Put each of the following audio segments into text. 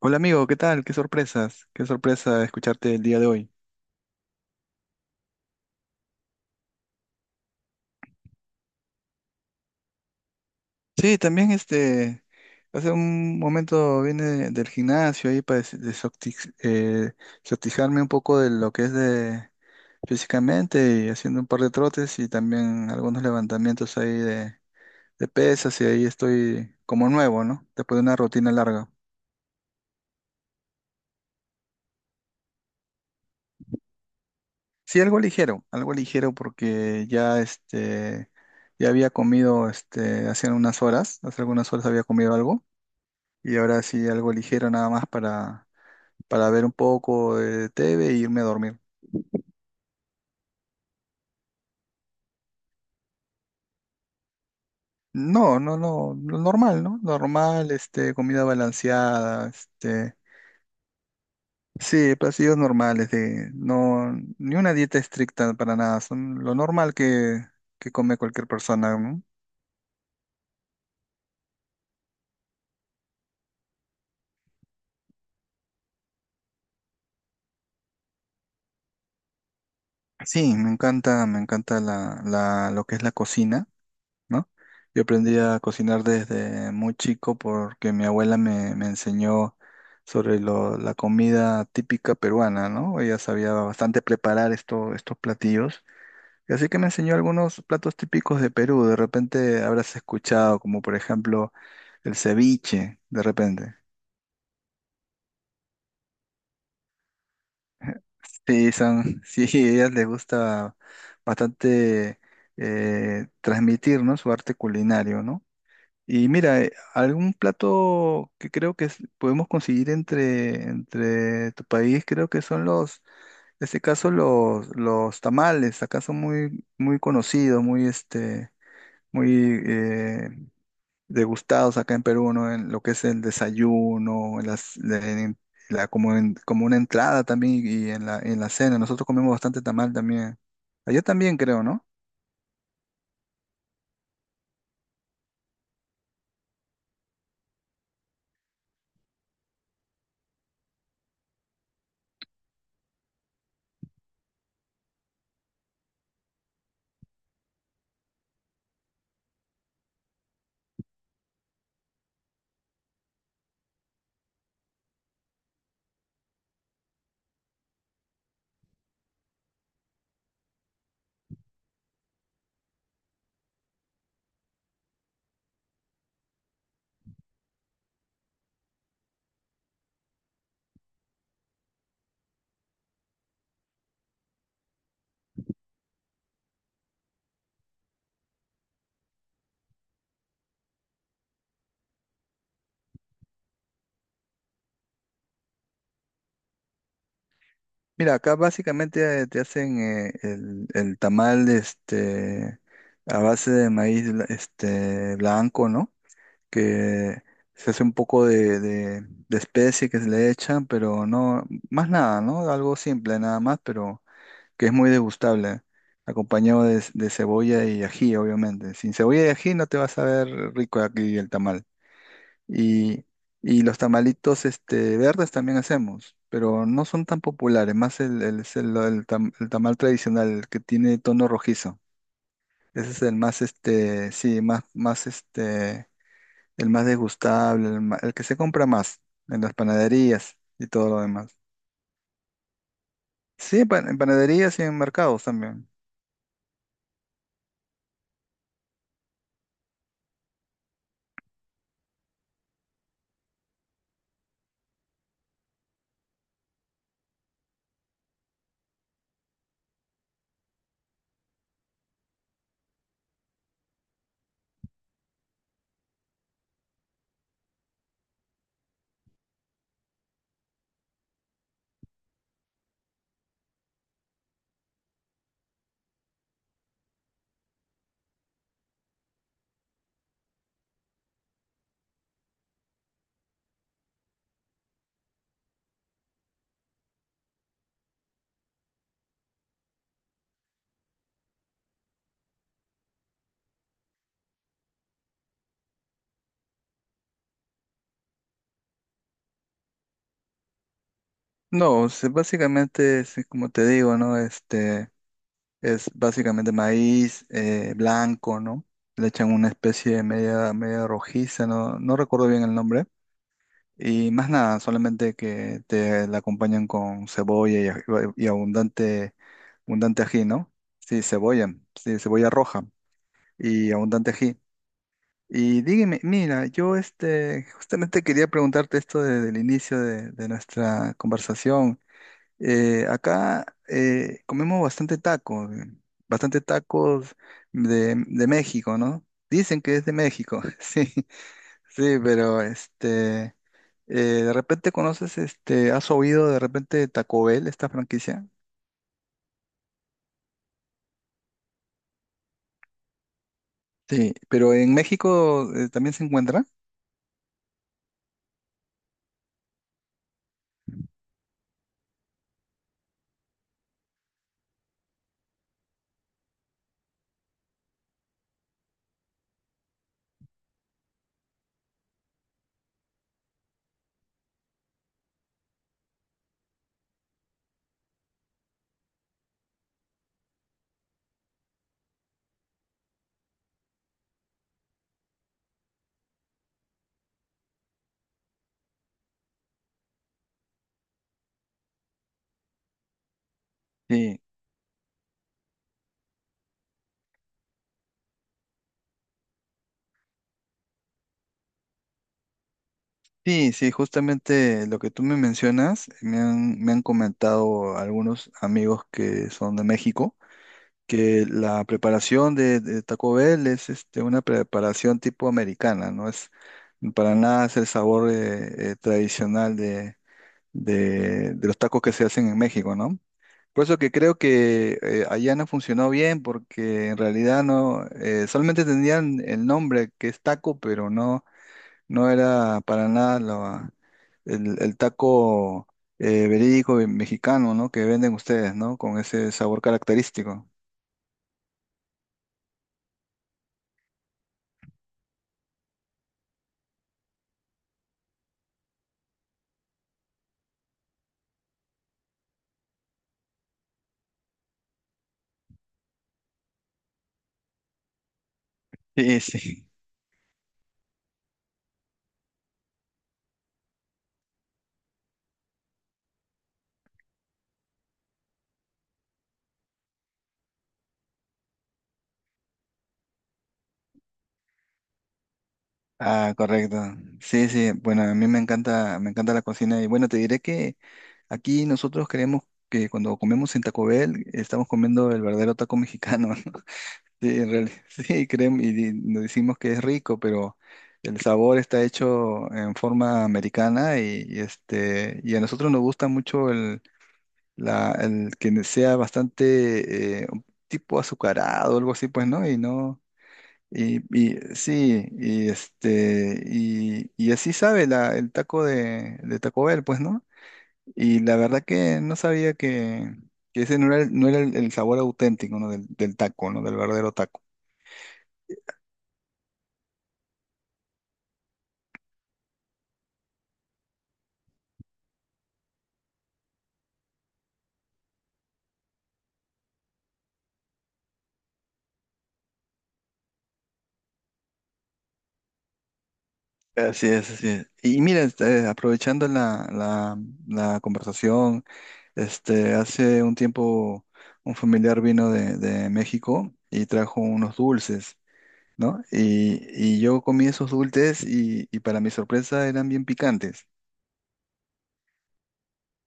Hola amigo, ¿qué tal? Qué sorpresas, qué sorpresa escucharte el día de hoy. Sí, también hace un momento vine del gimnasio ahí para desoxigenarme un poco de lo que es de físicamente y haciendo un par de trotes y también algunos levantamientos ahí de pesas y ahí estoy como nuevo, ¿no? Después de una rutina larga. Sí, algo ligero porque ya ya había comido hace unas horas, hace algunas horas había comido algo. Y ahora sí, algo ligero nada más para ver un poco de TV e irme a dormir. No, no, no, lo normal, ¿no? Normal, comida balanceada, este, sí, platillos normales, de, no, ni una dieta estricta para nada, son lo normal que come cualquier persona, ¿no? Sí, me encanta, me encanta lo que es la cocina, ¿no? Yo aprendí a cocinar desde muy chico porque mi abuela me enseñó sobre la comida típica peruana, ¿no? Ella sabía bastante preparar estos platillos. Y así que me enseñó algunos platos típicos de Perú. De repente habrás escuchado, como por ejemplo el ceviche, de repente. Sí, son, sí, a ellas les gusta bastante transmitir, ¿no? Su arte culinario, ¿no? Y mira, algún plato que creo que podemos conseguir entre tu país, creo que son los, en este caso los tamales, acá son muy, muy conocidos, muy este, muy degustados acá en Perú, ¿no? En lo que es el desayuno, en como una entrada también y en en la cena. Nosotros comemos bastante tamal también. Allá también creo, ¿no? Mira, acá básicamente te hacen el tamal este, a base de maíz blanco, ¿no? Que se hace un poco de especie que se le echan, pero no, más nada, ¿no? Algo simple nada más, pero que es muy degustable, acompañado de cebolla y ají, obviamente. Sin cebolla y ají no te vas a ver rico aquí el tamal. Y, y los tamalitos este, verdes también hacemos, pero no son tan populares, más el, es el tam- el tamal tradicional, el que tiene tono rojizo. Ese es el más, este, sí, más, más, este, el más degustable, el que se compra más en las panaderías y todo lo demás. Sí, en panaderías y en mercados también. No, básicamente, sí, como te digo, ¿no? Este, es básicamente maíz blanco, ¿no? Le echan una especie de media, media rojiza, no, no recuerdo bien el nombre. Y más nada, solamente que te la acompañan con cebolla y abundante, abundante ají, ¿no? Sí, cebolla, sí, cebolla roja y abundante ají. Y dígame, mira, yo justamente quería preguntarte esto desde el inicio de nuestra conversación. Acá comemos bastante tacos de México, ¿no? Dicen que es de México, sí, sí, pero eh, de repente conoces, este, ¿has oído de repente de Taco Bell, esta franquicia? Sí, pero en México también se encuentra. Sí, sí, sí, justamente lo que tú me mencionas, me han comentado algunos amigos que son de México que la preparación de Taco Bell es este, una preparación tipo americana, no es para nada es el sabor tradicional de los tacos que se hacen en México, ¿no? Por eso que creo que allá no funcionó bien porque en realidad no, solamente tenían el nombre que es taco, pero no, no era para nada el taco verídico y mexicano, ¿no? Que venden ustedes, ¿no? Con ese sabor característico. Sí, sí. Ah, correcto. Sí, sí. Bueno, a mí me encanta la cocina. Y bueno, te diré que aquí nosotros creemos que cuando comemos en Taco Bell estamos comiendo el verdadero taco mexicano, ¿no? Sí, en realidad, sí, creemos y nos decimos que es rico, pero el sabor está hecho en forma americana y este, y a nosotros nos gusta mucho el que sea bastante un tipo azucarado, algo así, pues, ¿no? Y no. Y sí, y así sabe la, el taco de Taco Bell, pues, ¿no? Y la verdad que no sabía que ese no era, el, no era el sabor auténtico, ¿no? Del taco, ¿no? Del verdadero taco. Así es, así es. Y mira, este, aprovechando la conversación, este, hace un tiempo un familiar vino de México y trajo unos dulces, ¿no? Y yo comí esos dulces y para mi sorpresa eran bien picantes.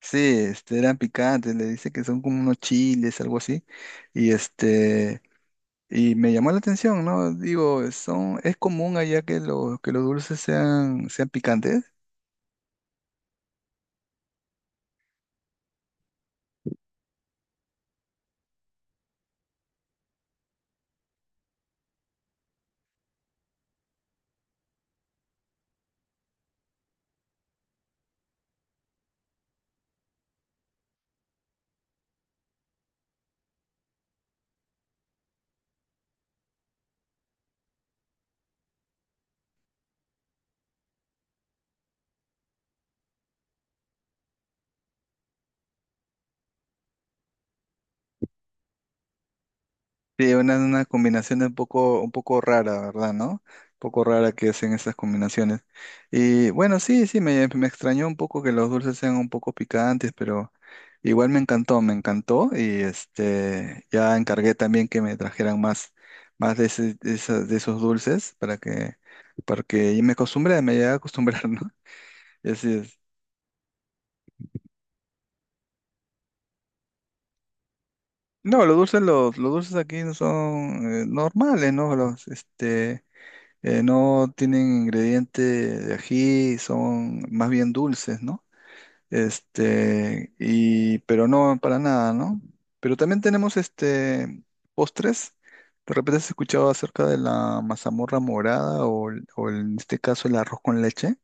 Sí, este, eran picantes, le dice que son como unos chiles, algo así. Y este, y me llamó la atención, ¿no? Digo, son, es común allá que que los dulces sean picantes. Sí, una combinación un poco rara, ¿verdad? ¿No? Un poco rara que hacen esas combinaciones. Y bueno, sí, sí, me extrañó un poco que los dulces sean un poco picantes, pero igual me encantó, me encantó. Y este, ya encargué también que me trajeran más, más de, ese- de esa- de esos dulces para que, porque y me acostumbré, me llegué a acostumbrar, ¿no? Y así es. No, los dulces aquí no son normales, ¿no? Los no tienen ingrediente de ají, son más bien dulces, ¿no? Este, y, pero no para nada, ¿no? Pero también tenemos este postres. De repente has escuchado acerca de la mazamorra morada o en este caso el arroz con leche.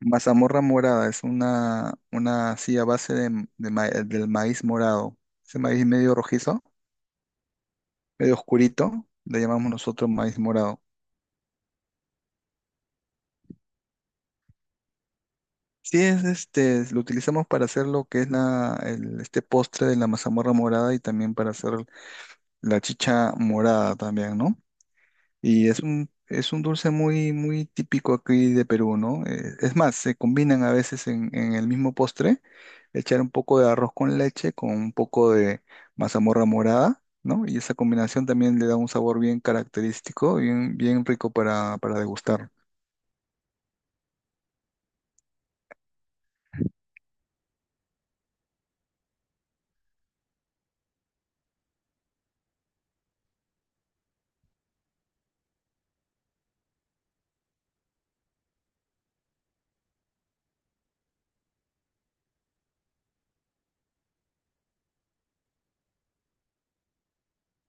Mazamorra morada es una así a base del maíz morado. Ese maíz medio rojizo, medio oscurito, le llamamos nosotros maíz morado. Sí, es este, lo utilizamos para hacer lo que es este postre de la mazamorra morada y también para hacer la chicha morada también, ¿no? Y es un dulce muy, muy típico aquí de Perú, ¿no? Es más, se combinan a veces en el mismo postre, echar un poco de arroz con leche con un poco de mazamorra morada, ¿no? Y esa combinación también le da un sabor bien característico, bien, bien rico para degustar.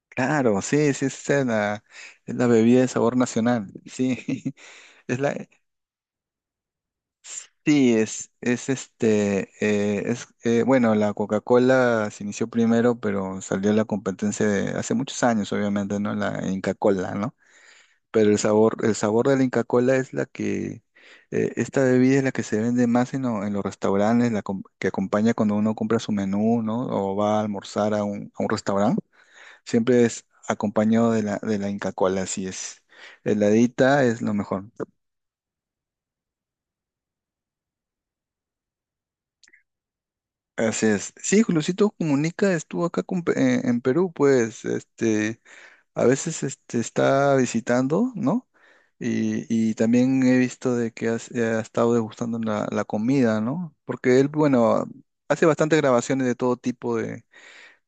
Claro, sí, sí, sí, es la bebida de sabor nacional, sí, es la, sí, es este, es, bueno, la Coca-Cola se inició primero, pero salió la competencia de hace muchos años, obviamente, ¿no? La Inca-Cola, ¿no? Pero el sabor de la Inca-Cola es la que, esta bebida es la que se vende más en los restaurantes, que acompaña cuando uno compra su menú, ¿no? O va a almorzar a un restaurante. Siempre es acompañado de la Inca Kola, así es. Heladita es lo mejor. Así es. Sí, Luisito Comunica estuvo acá con en Perú, pues, este, a veces este, está visitando, ¿no? Y también he visto de que ha estado degustando la comida, ¿no? Porque él, bueno, hace bastantes grabaciones de todo tipo de,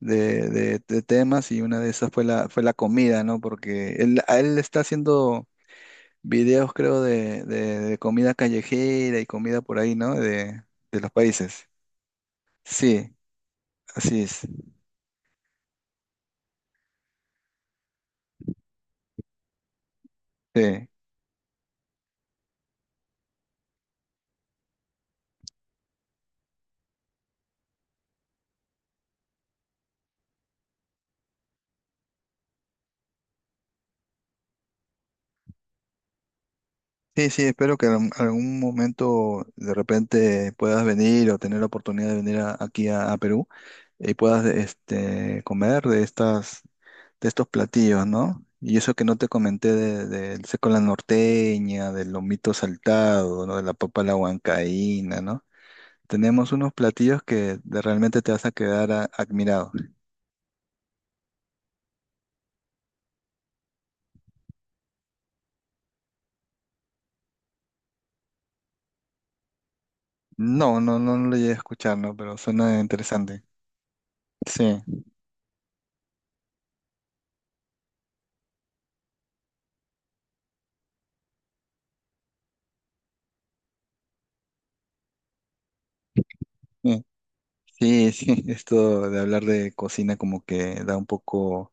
de, de- de temas y una de esas fue fue la comida, ¿no? Porque él, a él le está haciendo videos, creo, de comida callejera y comida por ahí, ¿no? De los países. Sí, así es. Sí, sí, sí, espero que en algún momento de repente puedas venir o tener la oportunidad de venir aquí a Perú y puedas este, comer de estas, de estos platillos, ¿no? Y eso que no te comenté del seco a la norteña, del lomito saltado, ¿no? De la papa a la huancaína, ¿no? Tenemos unos platillos que realmente te vas a quedar admirado. No, no, no, no lo llegué a escuchar, ¿no? Pero suena interesante. Sí, sí, sí, sí, esto de hablar de cocina como que da un poco...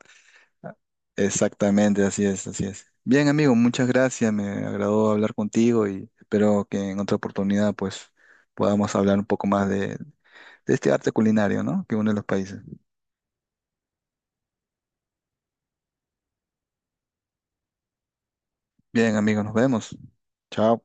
ah, exactamente, así es, así es. Bien, amigo, muchas gracias. Me agradó hablar contigo y espero que en otra oportunidad pues podamos hablar un poco más de este arte culinario, ¿no? Que une los países. Bien, amigos, nos vemos. Chao.